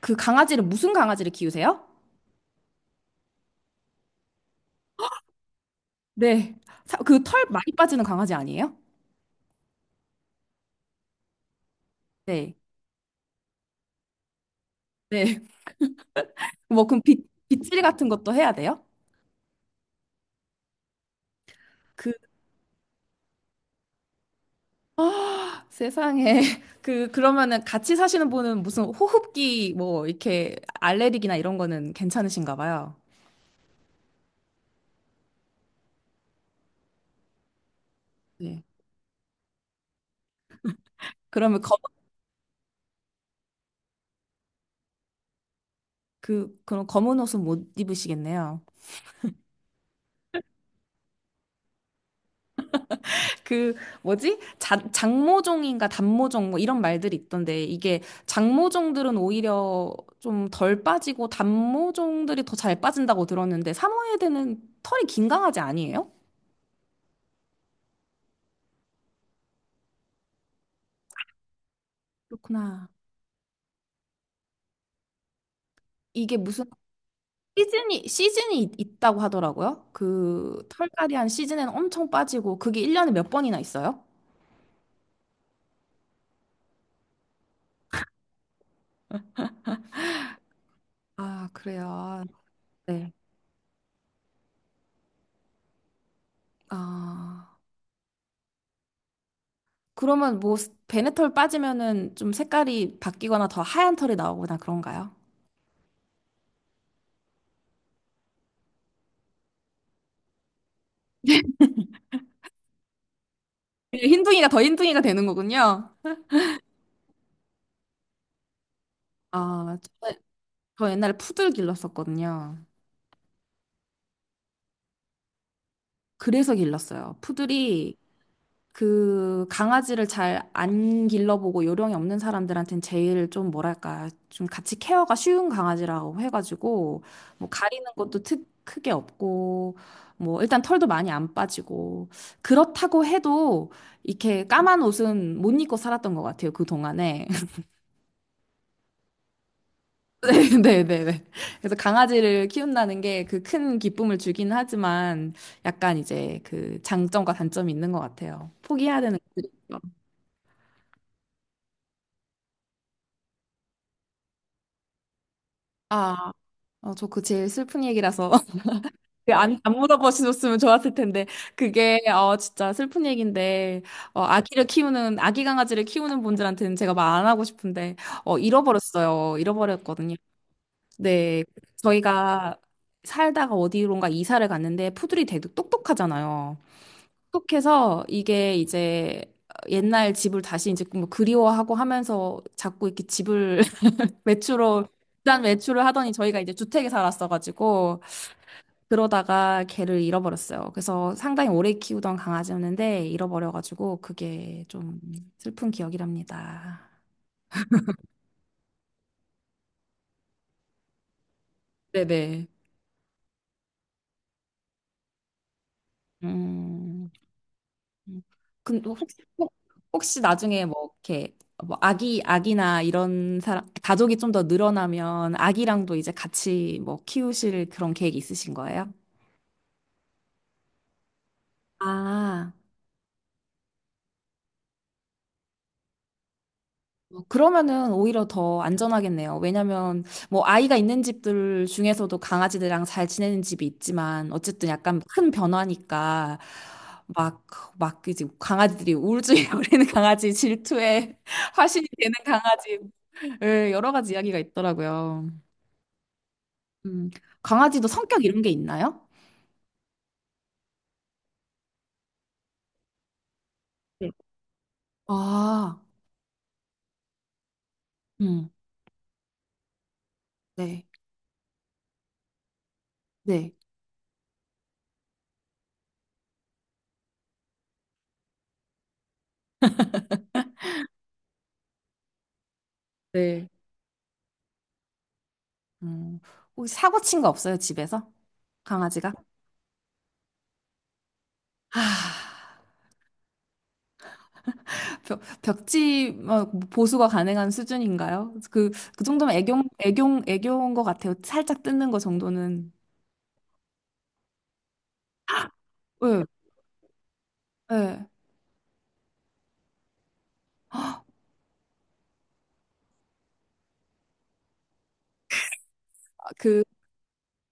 그 강아지를 무슨 강아지를 키우세요? 네. 그 털 많이 빠지는 강아지 아니에요? 네. 네. 뭐 그럼 빗질 같은 것도 해야 돼요? 그 세상에 그러면은 같이 사시는 분은 무슨 호흡기 뭐 이렇게 알레르기나 이런 거는 괜찮으신가 봐요. 네. 그러면 검, 그 그런 검은 옷은 못 입으시겠네요. 그 뭐지? 장모종인가 단모종 뭐 이런 말들이 있던데 이게 장모종들은 오히려 좀 덜 빠지고 단모종들이 더 잘 빠진다고 들었는데 사모예드는 털이 긴 강아지 아니에요? 그렇구나. 이게 무슨 시즌이 있다고 하더라고요. 그 털갈이한 시즌에는 엄청 빠지고 그게 1년에 몇 번이나 있어요? 아, 그래요. 아, 네. 아. 그러면 뭐 베네털 빠지면은 좀 색깔이 바뀌거나 더 하얀 털이 나오거나 그런가요? 흰둥이가 더 흰둥이가 되는 거군요. 아, 저 옛날에 푸들 길렀었거든요. 그래서 길렀어요. 푸들이 그 강아지를 잘 안 길러보고 요령이 없는 사람들한텐 제일 좀 뭐랄까 좀 같이 케어가 쉬운 강아지라고 해가지고 뭐 가리는 것도 크게 없고 뭐 일단 털도 많이 안 빠지고 그렇다고 해도 이렇게 까만 옷은 못 입고 살았던 것 같아요. 그 동안에. 네, 네, 네. 그래서 강아지를 키운다는 게 그 큰 기쁨을 주긴 하지만 약간 이제 그 장점과 단점이 있는 것 같아요. 포기해야 되는 거. 아, 어, 저그 제일 슬픈 얘기라서 그 안 물어보셨으면 좋았을 텐데 그게 진짜 슬픈 얘기인데 아기를 키우는 아기 강아지를 키우는 분들한테는 제가 말 안 하고 싶은데 잃어버렸어요. 잃어버렸거든요. 네, 저희가 살다가 어디론가 이사를 갔는데 푸들이 되게 똑똑하잖아요. 똑똑해서 이게 이제 옛날 집을 다시 이제 뭐 그리워하고 하면서 자꾸 이렇게 집을 외출을 일단 외출을 하더니 저희가 이제 주택에 살았어가지고 그러다가 걔를 잃어버렸어요. 그래서 상당히 오래 키우던 강아지였는데 잃어버려가지고 그게 좀 슬픈 기억이랍니다. 네네. 음. 음. 근데 혹시, 혹- 혹시 나중에 뭐 이렇게 뭐 아기나 이런 사람 가족이 좀 더 늘어나면 아기랑도 이제 같이 뭐 키우실 그런 계획 있으신 거예요? 아, 어, 그러면은 오히려 더 안전하겠네요. 왜냐면 뭐 아이가 있는 집들 중에서도 강아지들이랑 잘 지내는 집이 있지만 어쨌든 약간 큰 변화니까 막, 막 이제 강아지들이 울증에 걸리는 강아지, 질투에 화신이 되는 강아지, 예, 여러 가지 이야기가 있더라고요. 음, 강아지도 성격 이런 게 있나요? 네. 아, 음, 네, 네, 네. 음, 혹시 사고 친 거 없어요, 집에서? 강아지가? 아. 벽지 어, 보수가 가능한 수준인가요? 그 정도면 애교, 애교, 애교인 것 같아요. 살짝 뜯는 거 정도는. 예, 예. 아, 그,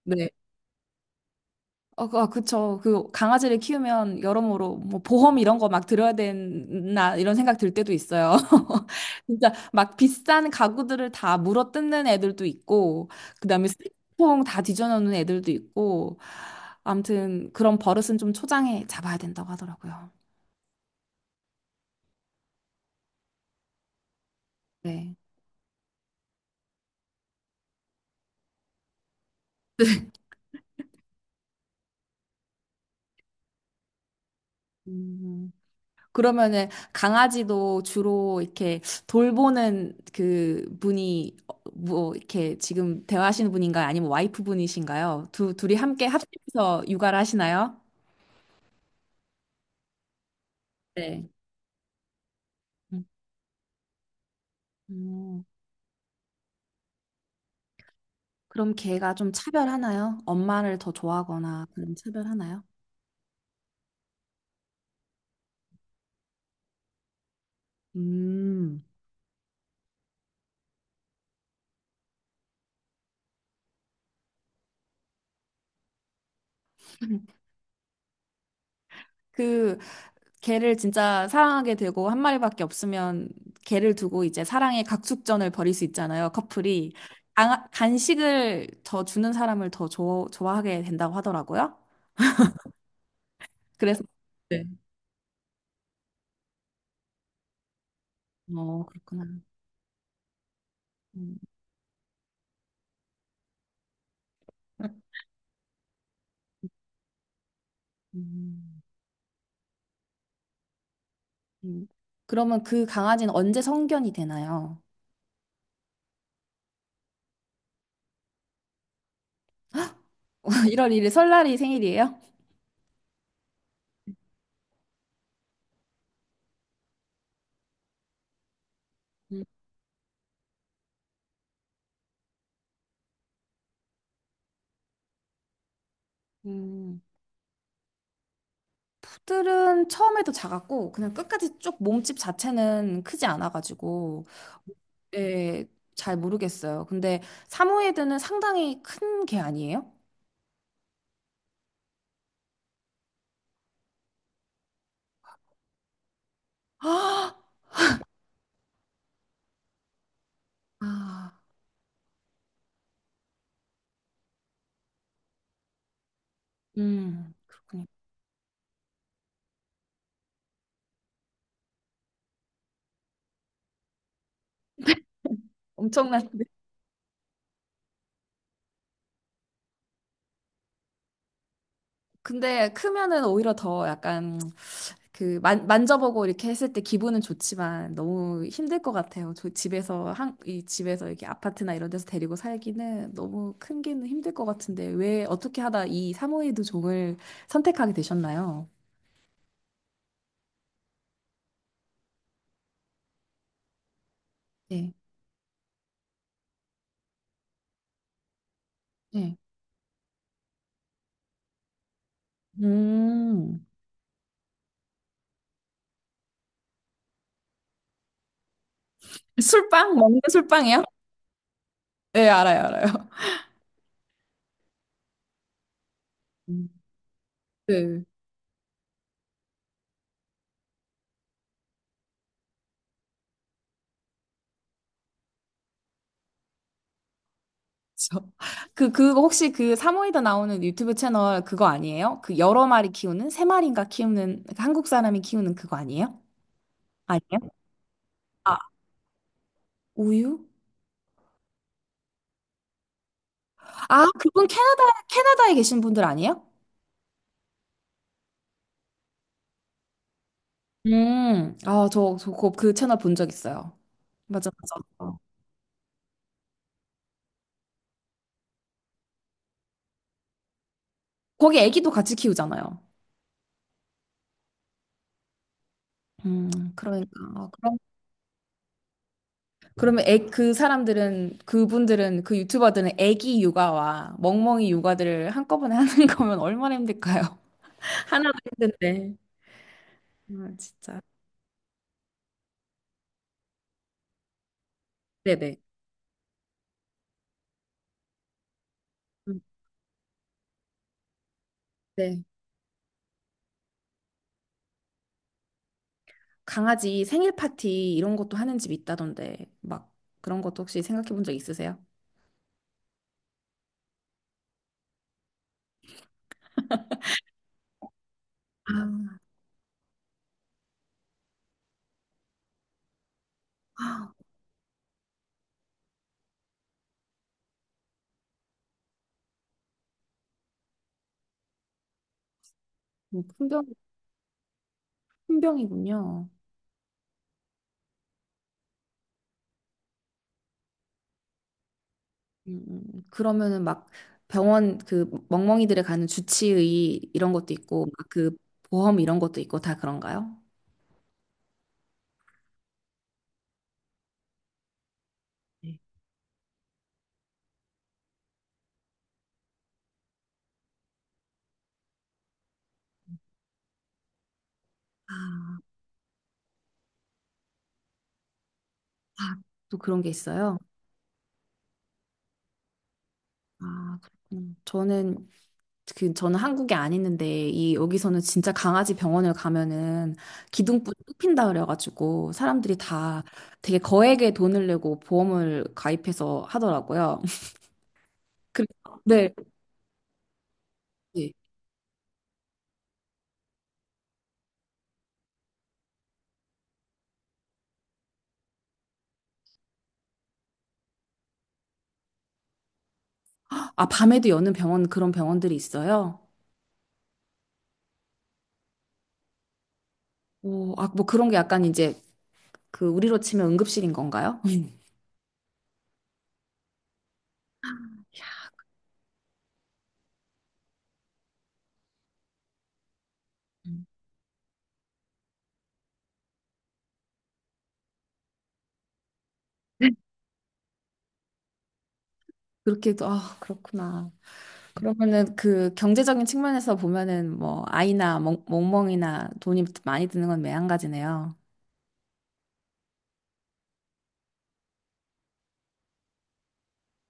네. 어, 아, 그쵸. 그 강아지를 키우면 여러모로 뭐 보험 이런 거 막 들어야 되나 이런 생각 들 때도 있어요. 진짜 막 비싼 가구들을 다 물어 뜯는 애들도 있고, 그다음에 쓰레기통 다 뒤져놓는 애들도 있고, 아무튼 그런 버릇은 좀 초장에 잡아야 된다고 하더라고요. 네. 음. 그러면은 강아지도 주로 이렇게 돌보는 그 분이 어, 뭐 이렇게 지금 대화하시는 분인가요? 아니면 와이프 분이신가요? 두 둘이 함께 합심해서 육아를 하시나요? 네. 음. 음. 그럼 걔가 좀 차별하나요? 엄마를 더 좋아하거나 그런 차별하나요? 음. 그 개를 진짜 사랑하게 되고 한 마리밖에 없으면 개를 두고 이제 사랑의 각축전을 벌일 수 있잖아요, 커플이. 아, 간식을 더 주는 사람을 더 좋아하게 된다고 하더라고요. 그래서 네. 어, 그렇구나. 음, 음, 음. 그러면 그 강아지는 언제 성견이 되나요? 1월 1일 설날이 생일이에요? 음. 음. 들은 처음에도 작았고 그냥 끝까지 쭉 몸집 자체는 크지 않아가지고 예, 잘 모르겠어요. 근데 사모예드는 상당히 큰 개 아니에요? 아, 아, 그렇군요. 엄청난데. 근데 크면은 오히려 더 약간 그 만져보고 이렇게 했을 때 기분은 좋지만 너무 힘들 것 같아요. 저 집에서 이 집에서 이렇게 아파트나 이런 데서 데리고 살기는 너무 큰 게 힘들 것 같은데 왜 어떻게 하다 이 사모예드 종을 선택하게 되셨나요? 네. 네. 음. 술빵? 먹는 술빵이요? 네, 알아요, 알아요. 음. 네. 그쵸. 그거 혹시 그 사모예드 나오는 유튜브 채널 그거 아니에요? 그 여러 마리 키우는, 세 마리인가 키우는, 한국 사람이 키우는 그거 아니에요? 아니에요? 우유? 아, 그분 캐나다에 계신 분들 아니에요? 아, 그 채널 본 적 있어요. 맞아, 맞아. 어. 거기 애기도 같이 키우잖아요. 그러니까. 아, 그러면 그 유튜버들은 애기 육아와 멍멍이 육아들을 한꺼번에 하는 거면 얼마나 힘들까요? 하나도 힘든데. 아, 진짜. 네네. 음, 네. 강아지 생일 파티 이런 것도 하는 집 있다던데, 막 그런 것도 혹시 생각해 본 적 있으세요? 아, 음, 큰 병, 큰 병이군요. 그러면은 막 병원 그 멍멍이들에 가는 주치의 이런 것도 있고 막그 보험 이런 것도 있고 다 그런가요? 아, 아, 또 그런 게 있어요? 아, 그렇구나. 저는 한국에 안 있는데 이 여기서는 진짜 강아지 병원을 가면은 기둥뿌리 뽑힌다 그래가지고 사람들이 다 되게 거액의 돈을 내고 보험을 가입해서 하더라고요. 그- 네. 아, 밤에도 여는 병원, 그런 병원들이 있어요? 오, 아, 뭐 그런 게 약간 이제 그 우리로 치면 응급실인 건가요? 그렇게도, 아, 그렇구나. 그러면은 그 경제적인 측면에서 보면은 뭐 아이나 멍멍이나 돈이 많이 드는 건 매한가지네요.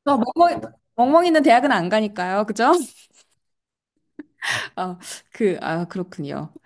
어, 멍멍이는 대학은 안 가니까요. 그죠? 어, 아, 그렇군요.